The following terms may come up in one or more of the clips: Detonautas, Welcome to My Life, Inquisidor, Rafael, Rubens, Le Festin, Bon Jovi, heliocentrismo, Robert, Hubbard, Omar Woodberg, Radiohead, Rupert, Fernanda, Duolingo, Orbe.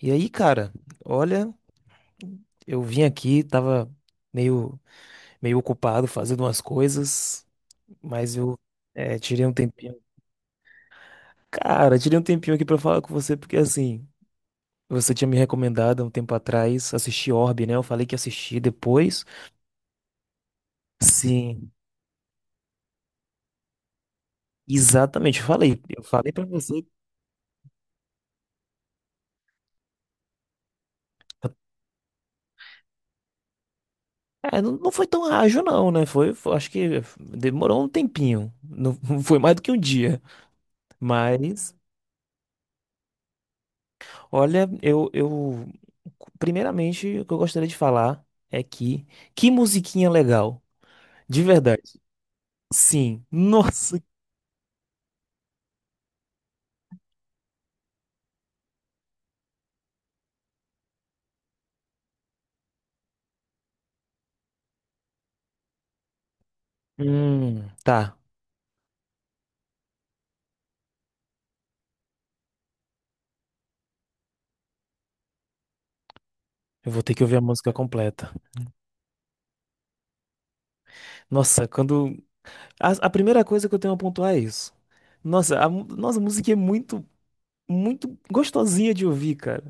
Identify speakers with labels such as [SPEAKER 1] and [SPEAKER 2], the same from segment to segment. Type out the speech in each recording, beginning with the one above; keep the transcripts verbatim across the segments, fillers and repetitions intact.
[SPEAKER 1] E aí, cara, olha, eu vim aqui, tava meio, meio ocupado fazendo umas coisas, mas eu é, tirei um tempinho. Cara, tirei um tempinho aqui pra falar com você, porque assim, você tinha me recomendado há um tempo atrás assistir Orbe, né? Eu falei que assisti depois. Sim, exatamente, eu falei. Eu falei pra você. É, não, não foi tão ágil, não, né? Foi, foi- acho que demorou um tempinho. Não, foi mais do que um dia. Mas. Olha, eu, eu. Primeiramente, o que eu gostaria de falar é que. Que musiquinha legal. De verdade. Sim. Nossa. Hum, tá. Eu vou ter que ouvir a música completa. Nossa, quando. A, a primeira coisa que eu tenho a pontuar é isso. Nossa, a, mu- nossa, a música é muito, muito gostosinha de ouvir, cara.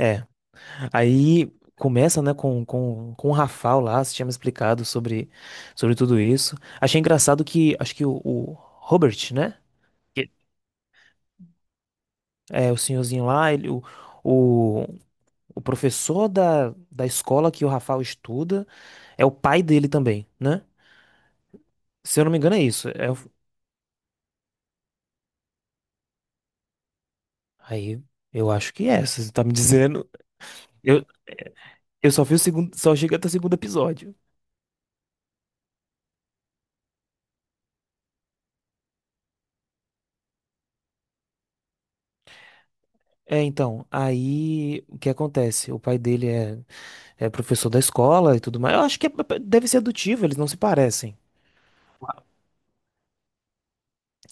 [SPEAKER 1] É. Aí começa, né, com, com, com o Rafael lá, você tinha me explicado sobre, sobre tudo isso. Achei engraçado que. Acho que o, o Robert, né? É, o senhorzinho lá, ele, o, o, o professor da, da escola que o Rafael estuda é o pai dele também, né? Se eu não me engano, é isso. É, o- aí, eu acho que é, se você tá me dizendo. Eu, eu só vi o segundo, só cheguei até o segundo episódio. É, então, aí o que acontece? O pai dele é, é professor da escola e tudo mais. Eu acho que é- deve ser adotivo, eles não se parecem.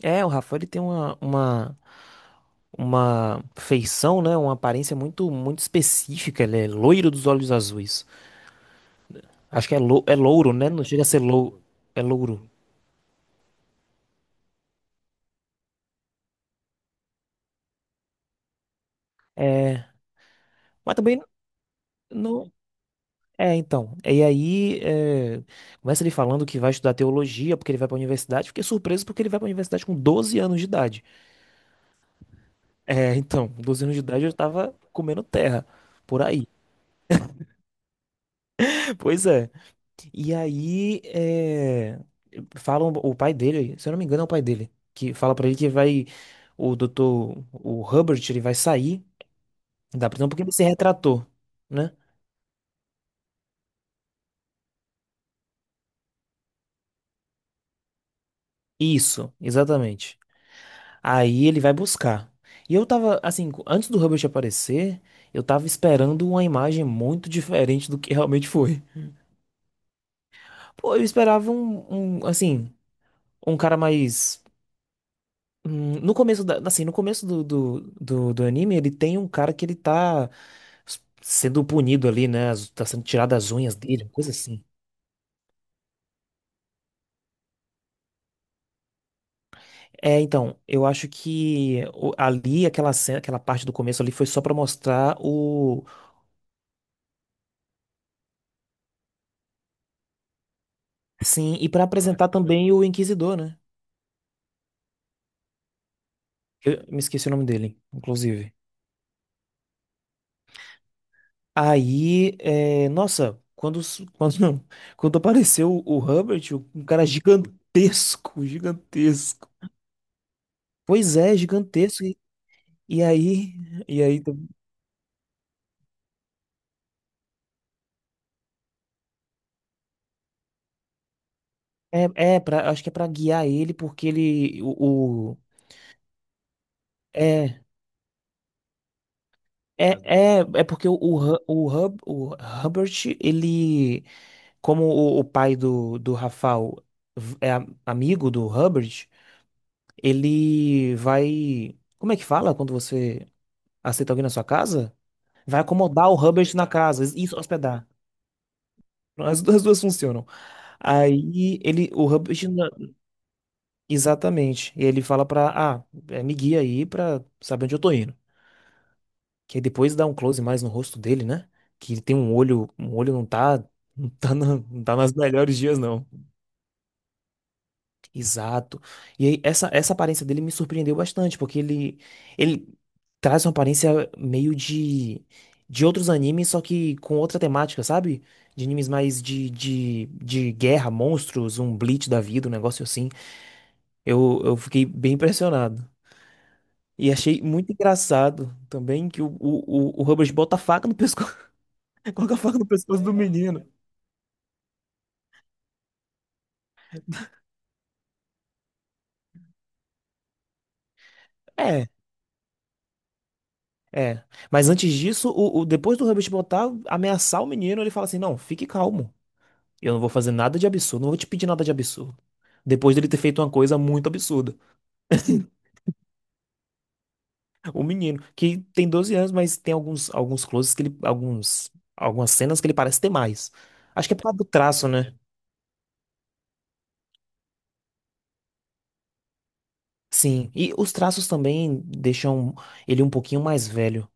[SPEAKER 1] É, o Rafael ele tem uma, uma uma feição, né? Uma aparência muito, muito específica. Ele é loiro dos olhos azuis. Acho que é, lou é louro, né? Não chega a ser lou é louro. É, mas também não. É, então. E aí, é, começa ele falando que vai estudar teologia porque ele vai pra universidade. Fiquei surpreso porque ele vai pra universidade com doze anos de idade. É, então, doze anos de idade eu tava comendo terra por aí. Pois é. E aí, é, falam, o pai dele, se eu não me engano, é o pai dele, que fala pra ele que vai, o doutor, o Hubbard, ele vai sair da prisão porque ele se retratou, né? Isso, exatamente. Aí ele vai buscar. E eu tava, assim, antes do Hubbard aparecer, eu tava esperando uma imagem muito diferente do que realmente foi. Pô, eu esperava um, um, assim, um cara mais. Hum, No começo da, assim, no começo do, do, do, do anime, ele tem um cara que ele tá s- sendo punido ali, né? As- Tá sendo tirado as unhas dele, uma coisa assim. É, então, eu acho que o- ali, aquela cena, aquela parte do começo ali foi só pra mostrar o. Sim, e pra apresentar também o Inquisidor, né? Eu me esqueci o nome dele, inclusive. Aí, é, nossa, quando, s- quando, não, quando apareceu o Hubbard, um cara gigantesco, gigantesco. Pois é, gigantesco. E aí, e aí é, é pra, acho que é pra guiar ele porque ele o, o- é é, é, é porque o, o, Hu- o, Hub, o Hubbard, ele, como o, o pai do, do Rafael v- é a- amigo do Hubbard, ele vai. Como é que fala quando você aceita alguém na sua casa? Vai acomodar o Hubbard na casa, isso, hospedar. As duas, as duas funcionam. Aí ele, o Hubbard. Exatamente. E ele fala pra, ah, é, me guia aí pra saber onde eu tô indo. Que aí depois dá um close mais no rosto dele, né? Que ele tem um olho, um olho não tá, não tá, na- não tá nas melhores dias, não. Exato. E aí essa, essa aparência dele me surpreendeu bastante, porque ele, ele traz uma aparência meio de, de outros animes, só que com outra temática, sabe? De animes mais de, de, de guerra, monstros, um Bleach da vida, um negócio assim. Eu, eu fiquei bem impressionado. E achei muito engraçado também que o, o, o, o Rubens bota a faca no pescoço, coloca a faca no pescoço do menino. É, é. Mas antes disso, o, o- depois do Rubens botar, ameaçar o menino, ele fala assim: não, fique calmo. Eu não vou fazer nada de absurdo, não vou te pedir nada de absurdo. Depois dele ter feito uma coisa muito absurda. O menino, que tem doze anos, mas tem alguns, alguns closes que ele. Alguns, algumas cenas que ele parece ter mais. Acho que é por causa do traço, né? Sim. E os traços também deixam ele um pouquinho mais velho.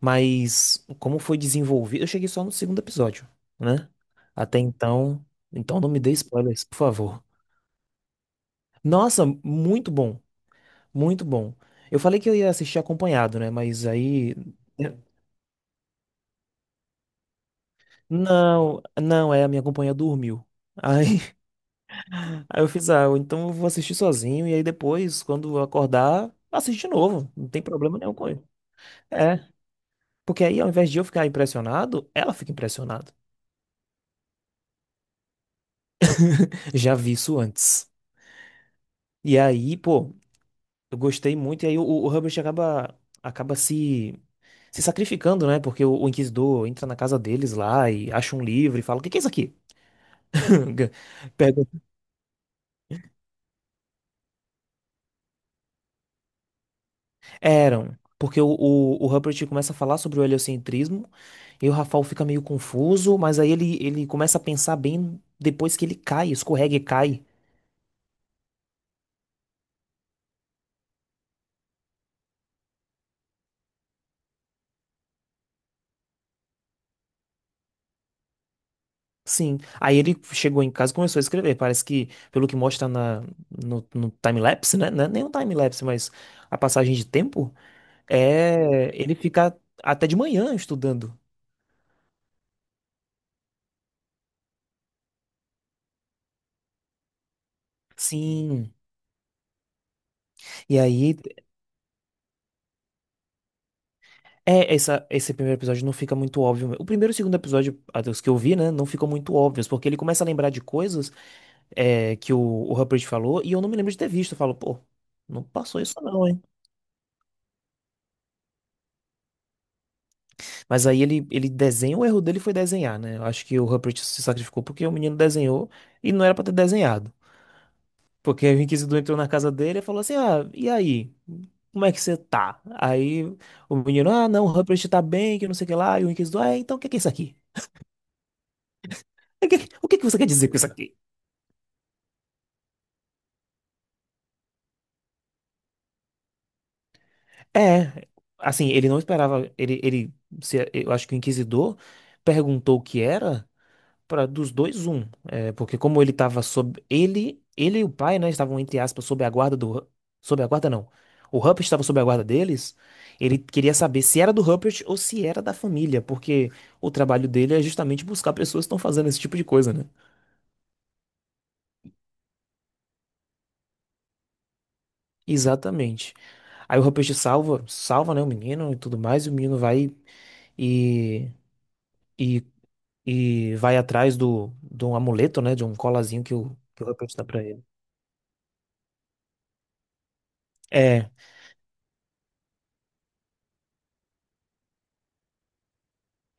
[SPEAKER 1] Mas como foi desenvolvido, eu cheguei só no segundo episódio, né? Até então, então não me dê spoilers, por favor. Nossa, muito bom, muito bom. Eu falei que eu ia assistir acompanhado, né? Mas aí não, não, é a minha companhia dormiu. Aí, aí eu fiz, ah, então eu vou assistir sozinho e aí depois, quando eu acordar, assisto de novo, não tem problema nenhum com ele. É, porque aí ao invés de eu ficar impressionado, ela fica impressionada. Já vi isso antes. E aí, pô, eu gostei muito, e aí o, o Hubbard acaba, acaba se, se sacrificando, né? Porque o, o Inquisidor entra na casa deles lá e acha um livro e fala: O que que é isso aqui? Pergunta. Eram. Porque o, o, o Hubbard começa a falar sobre o heliocentrismo, e o Rafael fica meio confuso, mas aí ele, ele começa a pensar bem depois que ele cai, escorrega e cai. Sim. Aí ele chegou em casa e começou a escrever. Parece que, pelo que mostra na, no, no time-lapse, né? Não é nem um time-lapse, mas a passagem de tempo. É, ele fica até de manhã estudando. Sim. E aí, é, essa, esse primeiro episódio não fica muito óbvio. O primeiro e o segundo episódio, até os que eu vi, né, não ficam muito óbvios, porque ele começa a lembrar de coisas é, que o, o Rupert falou e eu não me lembro de ter visto. Eu falo, pô, não passou isso não, hein? Mas aí ele, ele desenha, o erro dele foi desenhar, né? Eu acho que o Rupert se sacrificou porque o menino desenhou e não era pra ter desenhado. Porque aí o inquisidor entrou na casa dele e falou assim: Ah, e aí? Como é que você tá? Aí o menino, ah, não, o Rupert tá bem, que não sei o que lá. E o inquisidor, ah, então o que que é isso aqui? O que, o que que você quer dizer com isso aqui? É, assim, ele não esperava. Ele, ele, se- eu acho que o inquisidor perguntou o que era. Para dos dois um, é, porque como ele estava sob ele, ele e o pai, né, estavam entre aspas sob a guarda do Hu- sob a guarda não. O Rupert estava sob a guarda deles. Ele queria saber se era do Rupert ou se era da família, porque o trabalho dele é justamente buscar pessoas que estão fazendo esse tipo de coisa, né? Exatamente. Aí o Rupert salva, salva, né, o menino e tudo mais, e o menino vai e e, e vai atrás do de um amuleto, né, de um colazinho que o que o Rupert dá pra ele. É,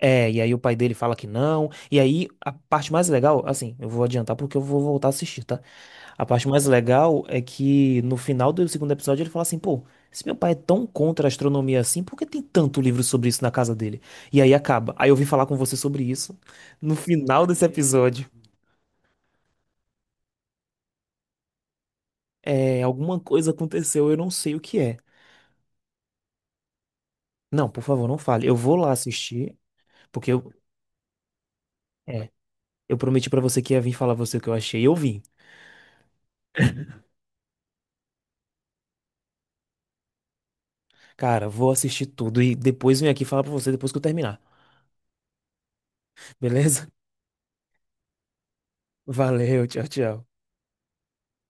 [SPEAKER 1] É, e aí o pai dele fala que não. E aí a parte mais legal, assim, eu vou adiantar porque eu vou voltar a assistir, tá? A parte mais legal é que no final do segundo episódio ele fala assim, pô, se meu pai é tão contra a astronomia assim, por que tem tanto livro sobre isso na casa dele? E aí acaba. Aí eu vim falar com você sobre isso no final desse episódio. É, alguma coisa aconteceu, eu não sei o que é. Não, por favor, não fale. Eu vou lá assistir, porque eu, é, eu prometi pra você que ia vir falar você o que eu achei, e eu vim. Cara, vou assistir tudo e depois venho aqui falar pra você depois que eu terminar. Beleza? Valeu, tchau, tchau.